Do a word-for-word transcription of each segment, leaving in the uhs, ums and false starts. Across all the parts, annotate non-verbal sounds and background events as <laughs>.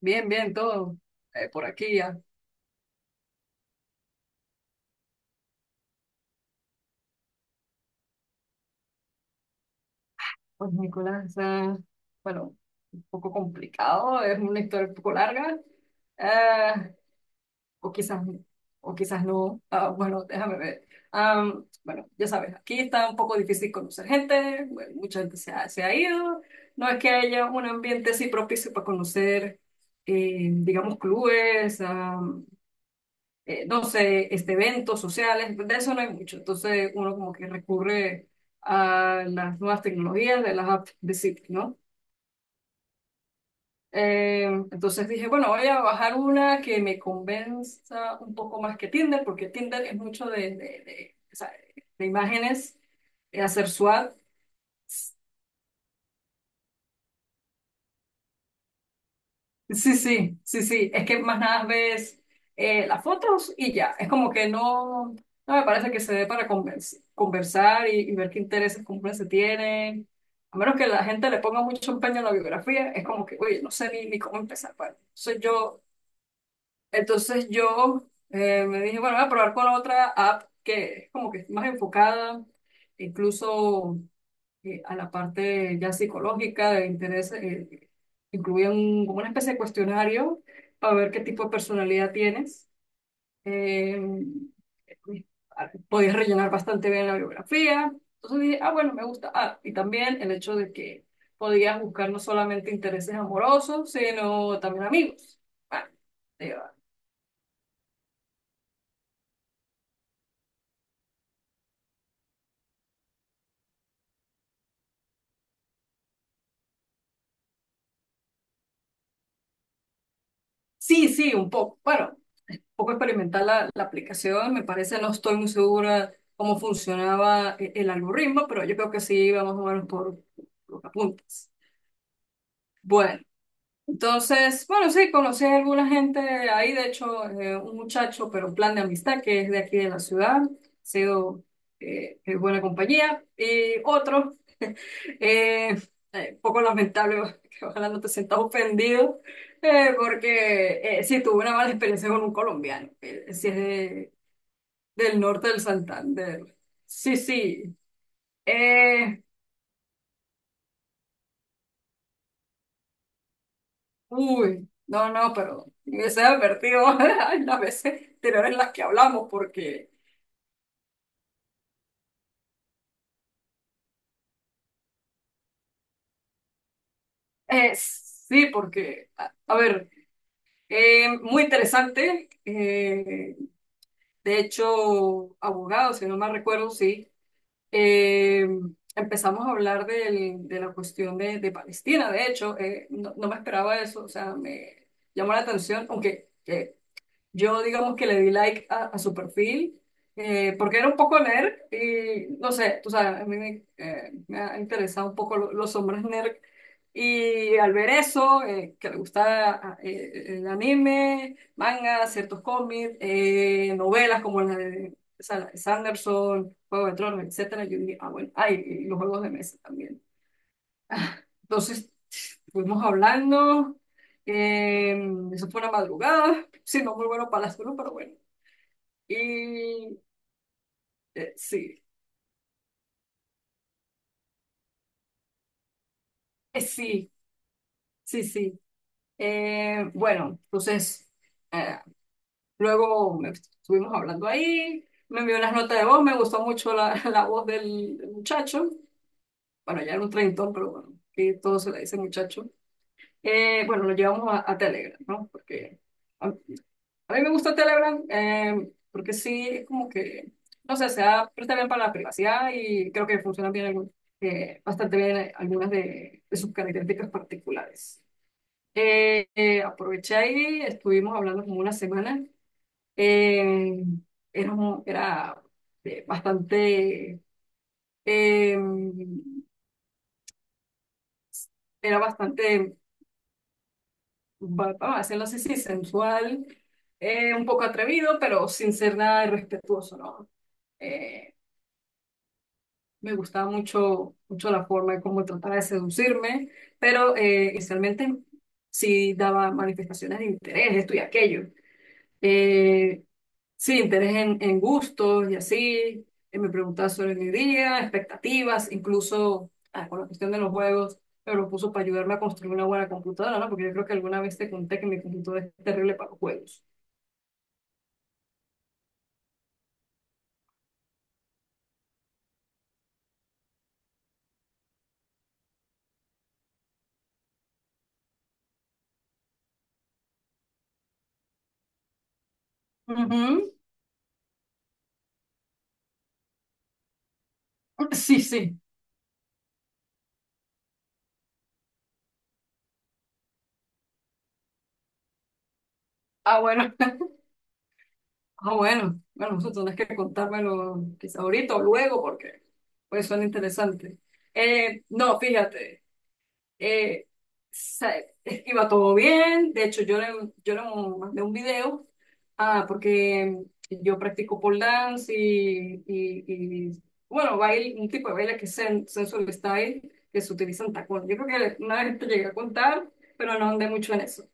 Bien, bien, todo. Eh, por aquí ya. Pues Nicolás, ah, bueno, un poco complicado, es una historia un poco larga. ah, o quizás, o quizás no. Ah, bueno, déjame ver. Am, bueno, ya sabes, aquí está un poco difícil conocer gente. Bueno, mucha gente se ha, se ha ido. No es que haya un ambiente así propicio para conocer, eh, digamos, clubes. Ah, eh, no sé, este, eventos sociales, de eso no hay mucho. Entonces uno como que recurre a las nuevas tecnologías, de las apps de citas, ¿no? Eh, entonces dije, bueno, voy a bajar una que me convenza un poco más que Tinder, porque Tinder es mucho de, de, de, o sea, de imágenes, eh, hacer SWAT. Sí, sí, sí, sí. Es que más nada ves eh, las fotos y ya. Es como que no, no me parece que se dé para convers- conversar y, y ver qué intereses comunes se tienen. A menos que la gente le ponga mucho empeño en la biografía, es como que, oye, no sé ni, ni cómo empezar. Para. Entonces yo, entonces yo eh, me dije, bueno, voy a probar con la otra app que es como que más enfocada, incluso eh, a la parte ya psicológica de interés, eh, incluía un- como una especie de cuestionario para ver qué tipo de personalidad tienes. Eh, Podías rellenar bastante bien la biografía. Entonces dije, ah, bueno, me gusta. Ah, y también el hecho de que podías buscar no solamente intereses amorosos, sino también amigos. Bueno, digo, sí, sí, un poco. Bueno, poco experimentar la, la aplicación, me parece, no estoy muy segura cómo funcionaba e- el algoritmo, pero yo creo que sí vamos a o menos por los apuntes. Bueno, entonces, bueno, sí, conocí a alguna gente ahí, de hecho, eh, un muchacho, pero un plan de amistad que es de aquí de la ciudad, ha sido eh, eh, buena compañía, y otro, eh, eh, poco lamentable, <laughs> que ojalá no te sientas ofendido. Eh, porque eh, sí, tuve una mala experiencia con un colombiano. Eh, sí, es de del norte del Santander. Sí, sí. Eh, Uy, no, no, pero me hubiese advertido <laughs> en las veces anteriores en las que hablamos, porque eh, sí, porque, a, a ver, eh, muy interesante. Eh, de hecho, abogado, si no mal recuerdo, sí. eh, Empezamos a hablar del- de la cuestión de, de Palestina, de hecho, eh, no, no me esperaba eso, o sea, me llamó la atención, aunque. eh, Yo digamos que le di like a, a su perfil eh, porque era un poco nerd y no sé, tú sabes, a mí me, eh, me ha interesado un poco lo- los hombres nerd y al ver eso, eh, que le gusta ah, eh, eh, el anime, manga, ciertos cómics, eh, novelas como la de Sa- Sanderson, Juego de Tronos, etcétera, yo dije, ah bueno, ay, y los juegos de mesa también. Ah, Entonces fuimos hablando, em, eso fue una madrugada, sí, no muy bueno para la salud, pero bueno. Y eh, sí, eh, sí, sí, sí. Eh, bueno, entonces eh, luego me- estuvimos hablando ahí, me envió unas notas de voz, me gustó mucho la, <laughs> la voz del muchacho. Bueno, ya era un treintón, pero bueno, que todo se le dice muchacho. Eh, bueno, lo llevamos a, a Telegram, ¿no? Porque a mí me gusta Telegram eh, porque sí, es como que, no sé, se presta bien para la privacidad y creo que funcionan bien algún- eh, bastante bien eh, algunas de, de sus características particulares. Eh, eh, aproveché ahí, estuvimos hablando como una semana. eh, era, mu- era eh, bastante, eh, Era bastante, va- vamos a decirlo así, sí, sensual, eh, un poco atrevido, pero sin ser nada irrespetuoso, ¿no? Eh, Me gustaba mucho, mucho la forma de cómo trataba de seducirme, pero eh, inicialmente sí daba manifestaciones de interés, esto y aquello. Eh, sí, interés en, en gustos y así. Eh, me preguntaba sobre mi día, expectativas, incluso ah, con la cuestión de los juegos, me propuso para ayudarme a construir una buena computadora, ¿no? Porque yo creo que alguna vez te conté que mi computadora es terrible para los juegos. Ujú, <laughs> sí, sí. Ah, bueno. Ah, bueno, bueno, vosotros tenés que contármelo quizá ahorita o luego porque pues suena interesante. Eh, no, fíjate, eh, sa- iba todo bien, de hecho yo le, yo le mandé un video, ah, porque yo practico pole dance y, y, y, bueno, baile, un tipo de baile que es sen- sensual style, que se utiliza en tacón. Yo creo que una vez te llegué a contar, pero no andé mucho en eso.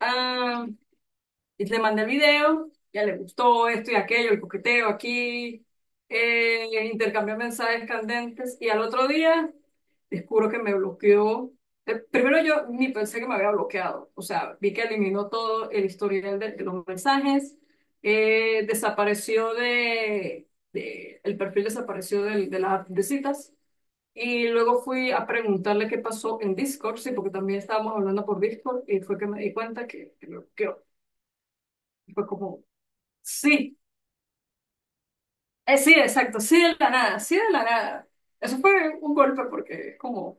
Ah, y le mandé el video, ya le gustó esto y aquello, el coqueteo aquí, eh, intercambió mensajes candentes y al otro día descubro que me bloqueó. Eh, primero yo ni pensé que me había bloqueado, o sea, vi que eliminó todo el historial de, de los mensajes, eh, desapareció de, de- el perfil desapareció del- de las app de citas. Y luego fui a preguntarle qué pasó en Discord, sí, porque también estábamos hablando por Discord y fue que me di cuenta que, que me bloqueó. Y fue como, sí, eh, sí, exacto, sí de la nada, sí de la nada. Eso fue un golpe porque es como,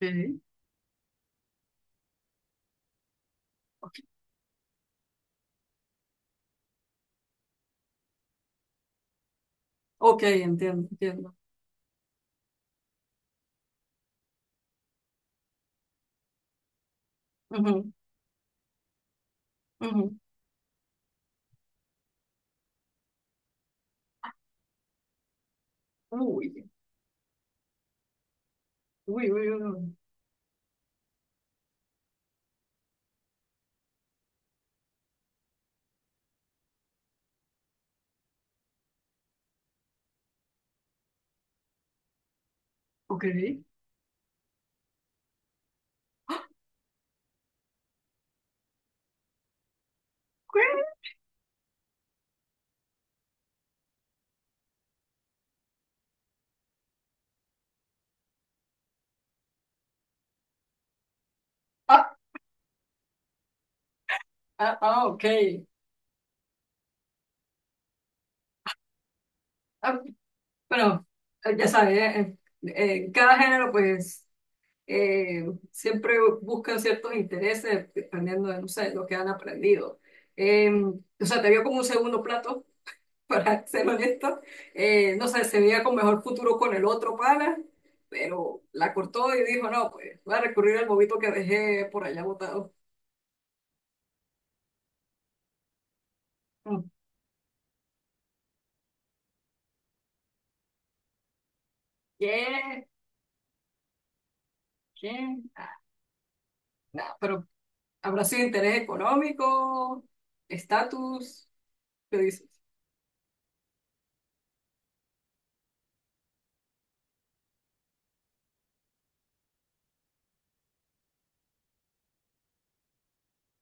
sí. Ok, entiendo, entiendo. Ujú, ujú. Uy, uy, uy, uy. Ok. ¿Qué? Ah, ah, ah, ok. Ah, bueno, eh, ya sabes, eh, eh, en cada género pues eh, siempre buscan ciertos intereses dependiendo de, no sé, lo que han aprendido. Eh, o sea, te vio como un segundo plato. <laughs> Para ser honesto. Eh, no sé, se veía con mejor futuro con el otro pana, pero la cortó y dijo, no, pues voy a recurrir al bobito que dejé por allá botado. Mm, ¿qué? ¿Qué? Ah, no, pero habrá sido interés económico, estatus, ¿qué dices?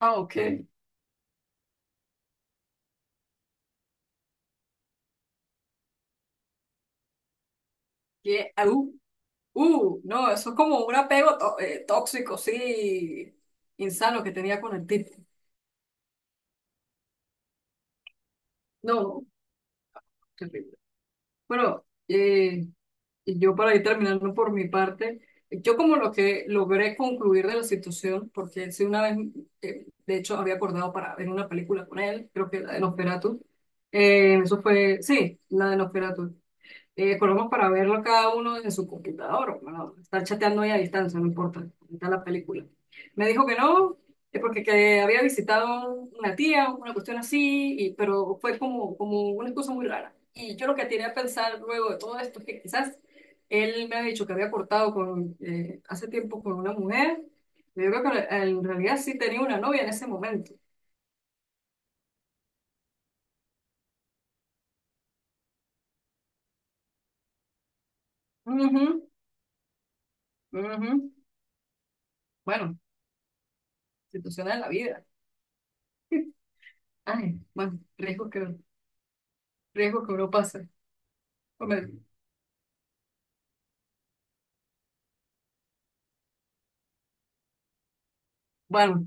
Ah, ok. ¿Qué? Ah, uh, uh, no, eso es como un apego tó- eh, tóxico, sí, insano que tenía con el tipo. No, terrible. Bueno, y yo para ir terminando por mi parte, yo como lo que logré concluir de la situación, porque él sí una vez, eh, de hecho, había acordado para ver una película con él, creo que la de Nosferatu, eh, eso fue, sí, la de Nosferatu. Eh, colocamos para verlo cada uno desde su computadora. Bueno, estar chateando ahí a distancia, no importa. Ahí está la película. Me dijo que no, eh, porque que había visitado una tía, una cuestión así, y- pero fue como, como una cosa muy rara. Y yo lo que tenía a pensar luego de todo esto es que quizás él me ha dicho que había cortado con, eh, hace tiempo con una mujer. Yo creo que en realidad sí tenía una novia en ese momento. Ujú, ujú. Bueno, situación de la vida. Ay, bueno, riesgos que riesgo que uno pase. Hombre, bueno,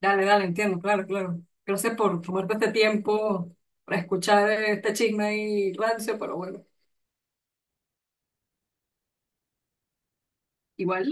dale, dale, entiendo, claro, claro. Gracias por tomarte este tiempo para escuchar este chisme y rancio, pero bueno, igual.